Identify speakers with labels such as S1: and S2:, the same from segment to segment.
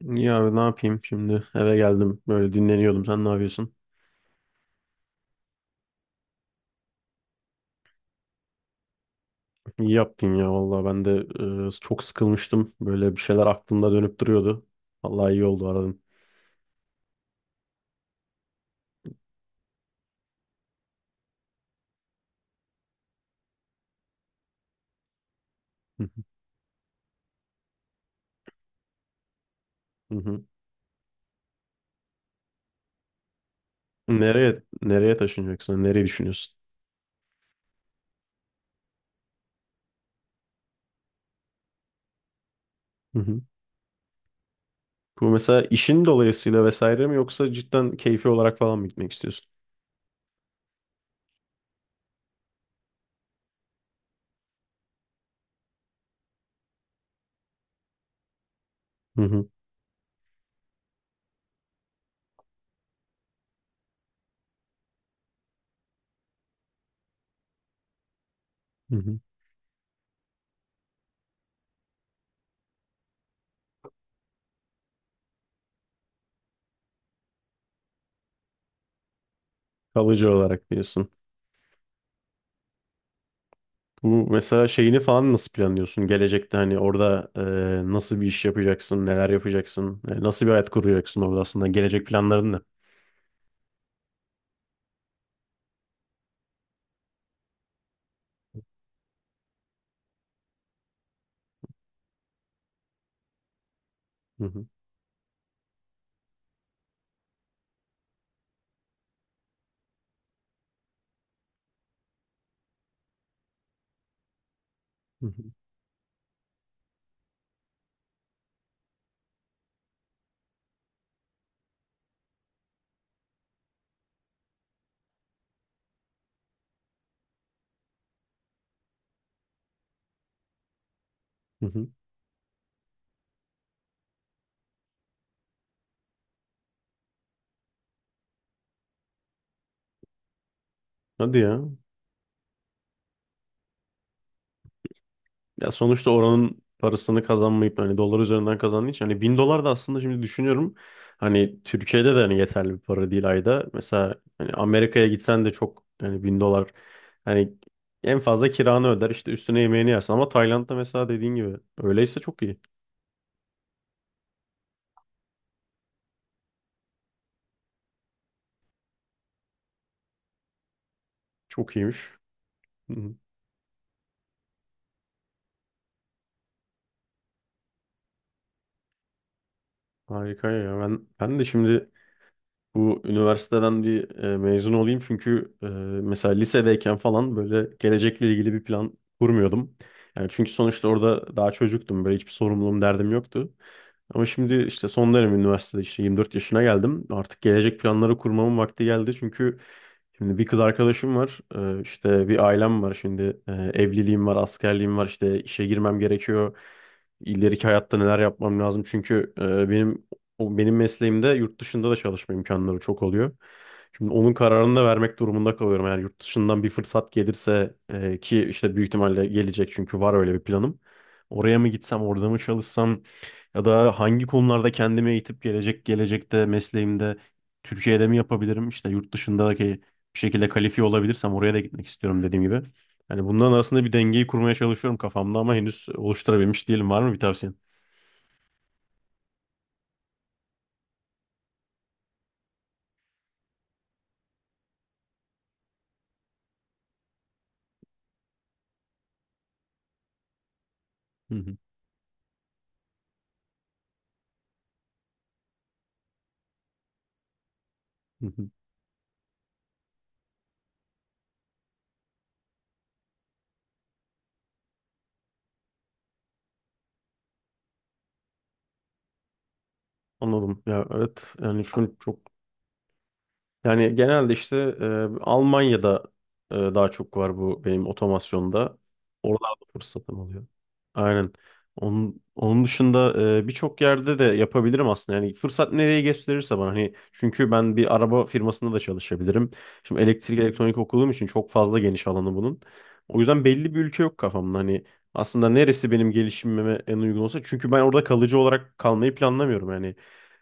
S1: Ya abi ne yapayım şimdi? Eve geldim. Böyle dinleniyordum. Sen ne yapıyorsun? İyi yaptın ya vallahi. Ben de çok sıkılmıştım. Böyle bir şeyler aklımda dönüp duruyordu. Vallahi iyi oldu aradım. Hı hı, hı hı. Nereye nereye taşınacaksın? Nereyi düşünüyorsun? Hı hı. Bu mesela işin dolayısıyla vesaire mi yoksa cidden keyfi olarak falan mı gitmek istiyorsun? Hı hı, hı hı. Kalıcı olarak diyorsun. Bu mesela şeyini falan nasıl planlıyorsun? Gelecekte hani orada nasıl bir iş yapacaksın, neler yapacaksın, nasıl bir hayat kuracaksın orada aslında gelecek planların ne? Hı hı, hı hı, hı hı. Hadi ya. Ya sonuçta oranın parasını kazanmayıp hani dolar üzerinden kazandığın için hani 1.000 dolar da aslında şimdi düşünüyorum hani Türkiye'de de hani yeterli bir para değil ayda. Mesela hani Amerika'ya gitsen de çok hani 1.000 dolar hani en fazla kiranı öder işte üstüne yemeğini yersin ama Tayland'da mesela dediğin gibi öyleyse çok iyi. Çok iyiymiş. Harika ya. Ben de şimdi bu üniversiteden bir mezun olayım çünkü mesela lisedeyken falan böyle gelecekle ilgili bir plan kurmuyordum. Yani çünkü sonuçta orada daha çocuktum. Böyle hiçbir sorumluluğum, derdim yoktu. Ama şimdi işte son dönem üniversitede işte 24 yaşına geldim. Artık gelecek planları kurmamın vakti geldi. Çünkü şimdi bir kız arkadaşım var. İşte bir ailem var. Şimdi evliliğim var, askerliğim var. İşte işe girmem gerekiyor. İleriki hayatta neler yapmam lazım. Çünkü benim o benim mesleğimde yurt dışında da çalışma imkanları çok oluyor. Şimdi onun kararını da vermek durumunda kalıyorum. Eğer yurt dışından bir fırsat gelirse ki işte büyük ihtimalle gelecek çünkü var öyle bir planım. Oraya mı gitsem, orada mı çalışsam? Ya da hangi konularda kendimi eğitip gelecekte mesleğimde Türkiye'de mi yapabilirim? İşte yurt dışındaki bir şekilde kalifiye olabilirsem oraya da gitmek istiyorum dediğim gibi. Yani bunların arasında bir dengeyi kurmaya çalışıyorum kafamda ama henüz oluşturabilmiş değilim. Var mı bir tavsiyen? Hı hı, hı hı. Anladım. Ya evet yani şu çok. Yani genelde işte Almanya'da daha çok var bu benim otomasyonda. Oralarda fırsatım oluyor. Aynen. Onun dışında birçok yerde de yapabilirim aslında. Yani fırsat nereye gösterirse bana hani çünkü ben bir araba firmasında da çalışabilirim. Şimdi elektrik elektronik okuduğum için çok fazla geniş alanı bunun. O yüzden belli bir ülke yok kafamda. Hani aslında neresi benim gelişimime en uygun olsa çünkü ben orada kalıcı olarak kalmayı planlamıyorum yani.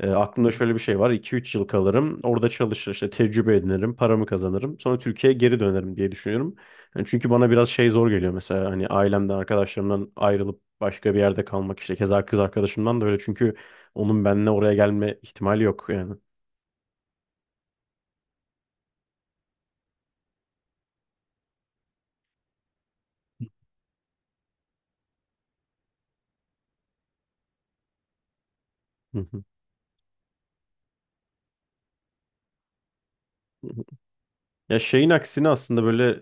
S1: Aklımda şöyle bir şey var. 2-3 yıl kalırım. Orada çalışır, işte tecrübe edinirim, paramı kazanırım. Sonra Türkiye'ye geri dönerim diye düşünüyorum. Yani çünkü bana biraz şey zor geliyor mesela hani ailemden, arkadaşlarımdan ayrılıp başka bir yerde kalmak işte keza kız arkadaşımdan da öyle çünkü onun benimle oraya gelme ihtimali yok yani. Hı hı. Ya şeyin aksine aslında böyle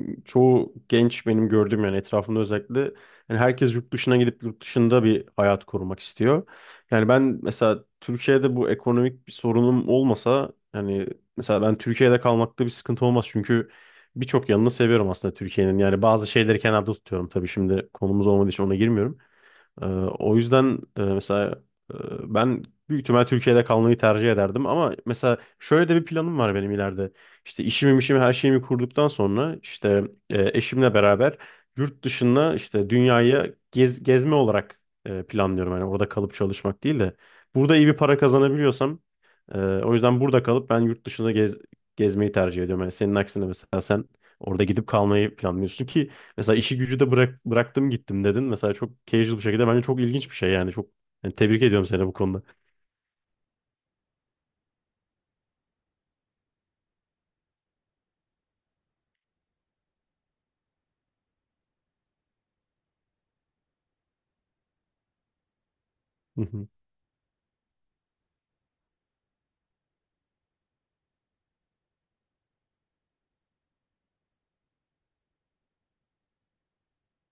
S1: çoğu genç benim gördüğüm yani etrafımda özellikle yani herkes yurt dışına gidip yurt dışında bir hayat kurmak istiyor. Yani ben mesela Türkiye'de bu ekonomik bir sorunum olmasa yani mesela ben Türkiye'de kalmakta bir sıkıntı olmaz çünkü birçok yanını seviyorum aslında Türkiye'nin. Yani bazı şeyleri kenarda tutuyorum tabii şimdi konumuz olmadığı için ona girmiyorum. Ee, o yüzden mesela e, ben büyük ihtimal Türkiye'de kalmayı tercih ederdim ama mesela şöyle de bir planım var benim ileride. İşte işimi her şeyimi kurduktan sonra işte eşimle beraber yurt dışında işte dünyayı gezme olarak planlıyorum. Yani orada kalıp çalışmak değil de burada iyi bir para kazanabiliyorsam o yüzden burada kalıp ben yurt dışında gezmeyi tercih ediyorum. Yani senin aksine mesela sen orada gidip kalmayı planlıyorsun ki mesela işi gücü de bıraktım gittim dedin. Mesela çok casual bir şekilde bence çok ilginç bir şey yani. Çok yani tebrik ediyorum seni bu konuda. Hı hı,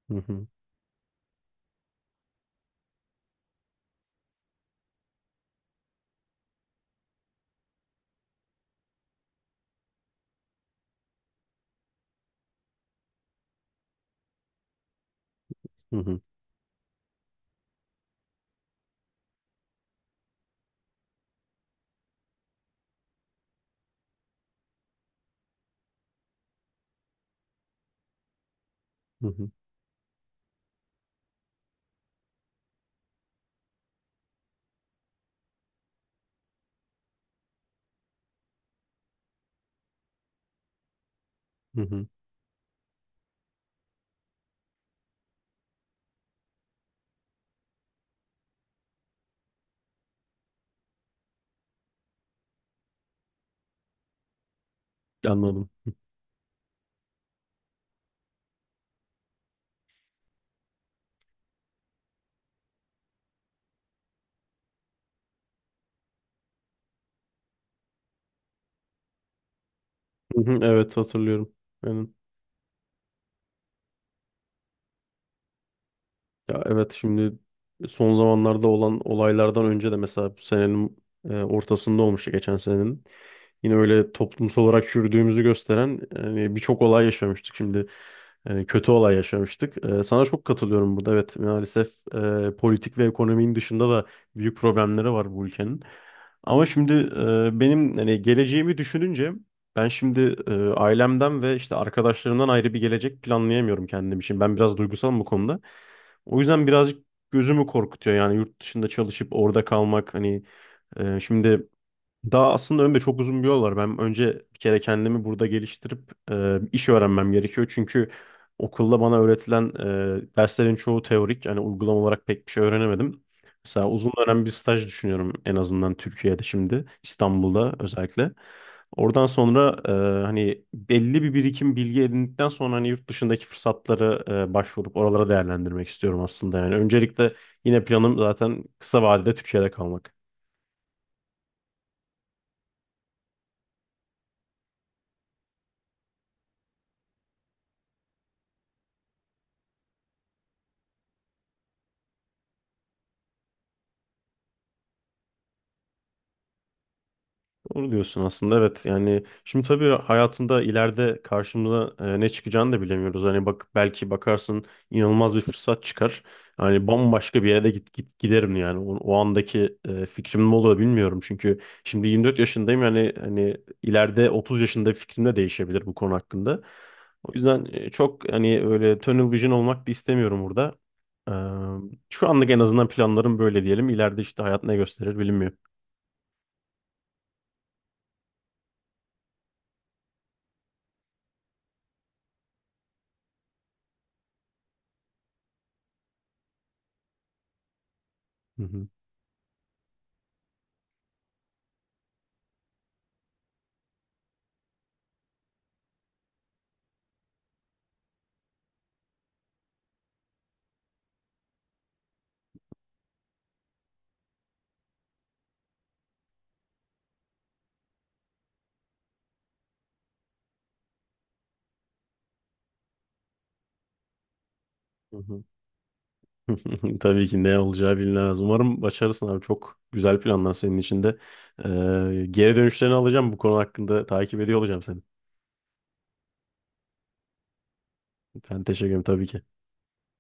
S1: hı hı, hı hı, hı hı, hı hı. Anladım. Hı hı. Evet, hatırlıyorum. Aynen. Ya evet şimdi son zamanlarda olan olaylardan önce de mesela bu senenin ortasında olmuştu geçen senenin. Yine öyle toplumsal olarak çürüdüğümüzü gösteren yani birçok olay yaşamıştık şimdi. Yani kötü olay yaşamıştık. Sana çok katılıyorum burada. Evet maalesef politik ve ekonominin dışında da büyük problemleri var bu ülkenin. Ama şimdi benim hani geleceğimi düşününce ben şimdi ailemden ve işte arkadaşlarımdan ayrı bir gelecek planlayamıyorum kendim için. Ben biraz duygusalım bu konuda. O yüzden birazcık gözümü korkutuyor yani yurt dışında çalışıp orada kalmak hani şimdi daha aslında önümde çok uzun bir yol var. Ben önce bir kere kendimi burada geliştirip iş öğrenmem gerekiyor. Çünkü okulda bana öğretilen derslerin çoğu teorik. Yani uygulama olarak pek bir şey öğrenemedim. Mesela uzun dönem bir staj düşünüyorum en azından Türkiye'de şimdi, İstanbul'da özellikle. Oradan sonra hani belli bir birikim bilgi edindikten sonra hani yurt dışındaki fırsatları başvurup oralara değerlendirmek istiyorum aslında. Yani öncelikle yine planım zaten kısa vadede Türkiye'de kalmak. Doğru diyorsun aslında evet yani şimdi tabii hayatında ileride karşımıza ne çıkacağını da bilemiyoruz. Hani bak belki bakarsın inanılmaz bir fırsat çıkar. Hani bambaşka bir yere de git giderim yani o andaki fikrim ne olur bilmiyorum. Çünkü şimdi 24 yaşındayım yani hani ileride 30 yaşında fikrim de değişebilir bu konu hakkında. O yüzden çok hani öyle tunnel vision olmak da istemiyorum burada. Eee, şu anlık en azından planlarım böyle diyelim. İleride işte hayat ne gösterir bilinmiyor. Hı hı. Hı hı. Tabii ki ne olacağı bilinmez. Umarım başarırsın abi. Çok güzel planlar senin için de. Geri dönüşlerini alacağım. Bu konu hakkında takip ediyor olacağım seni. Ben teşekkür ederim tabii ki.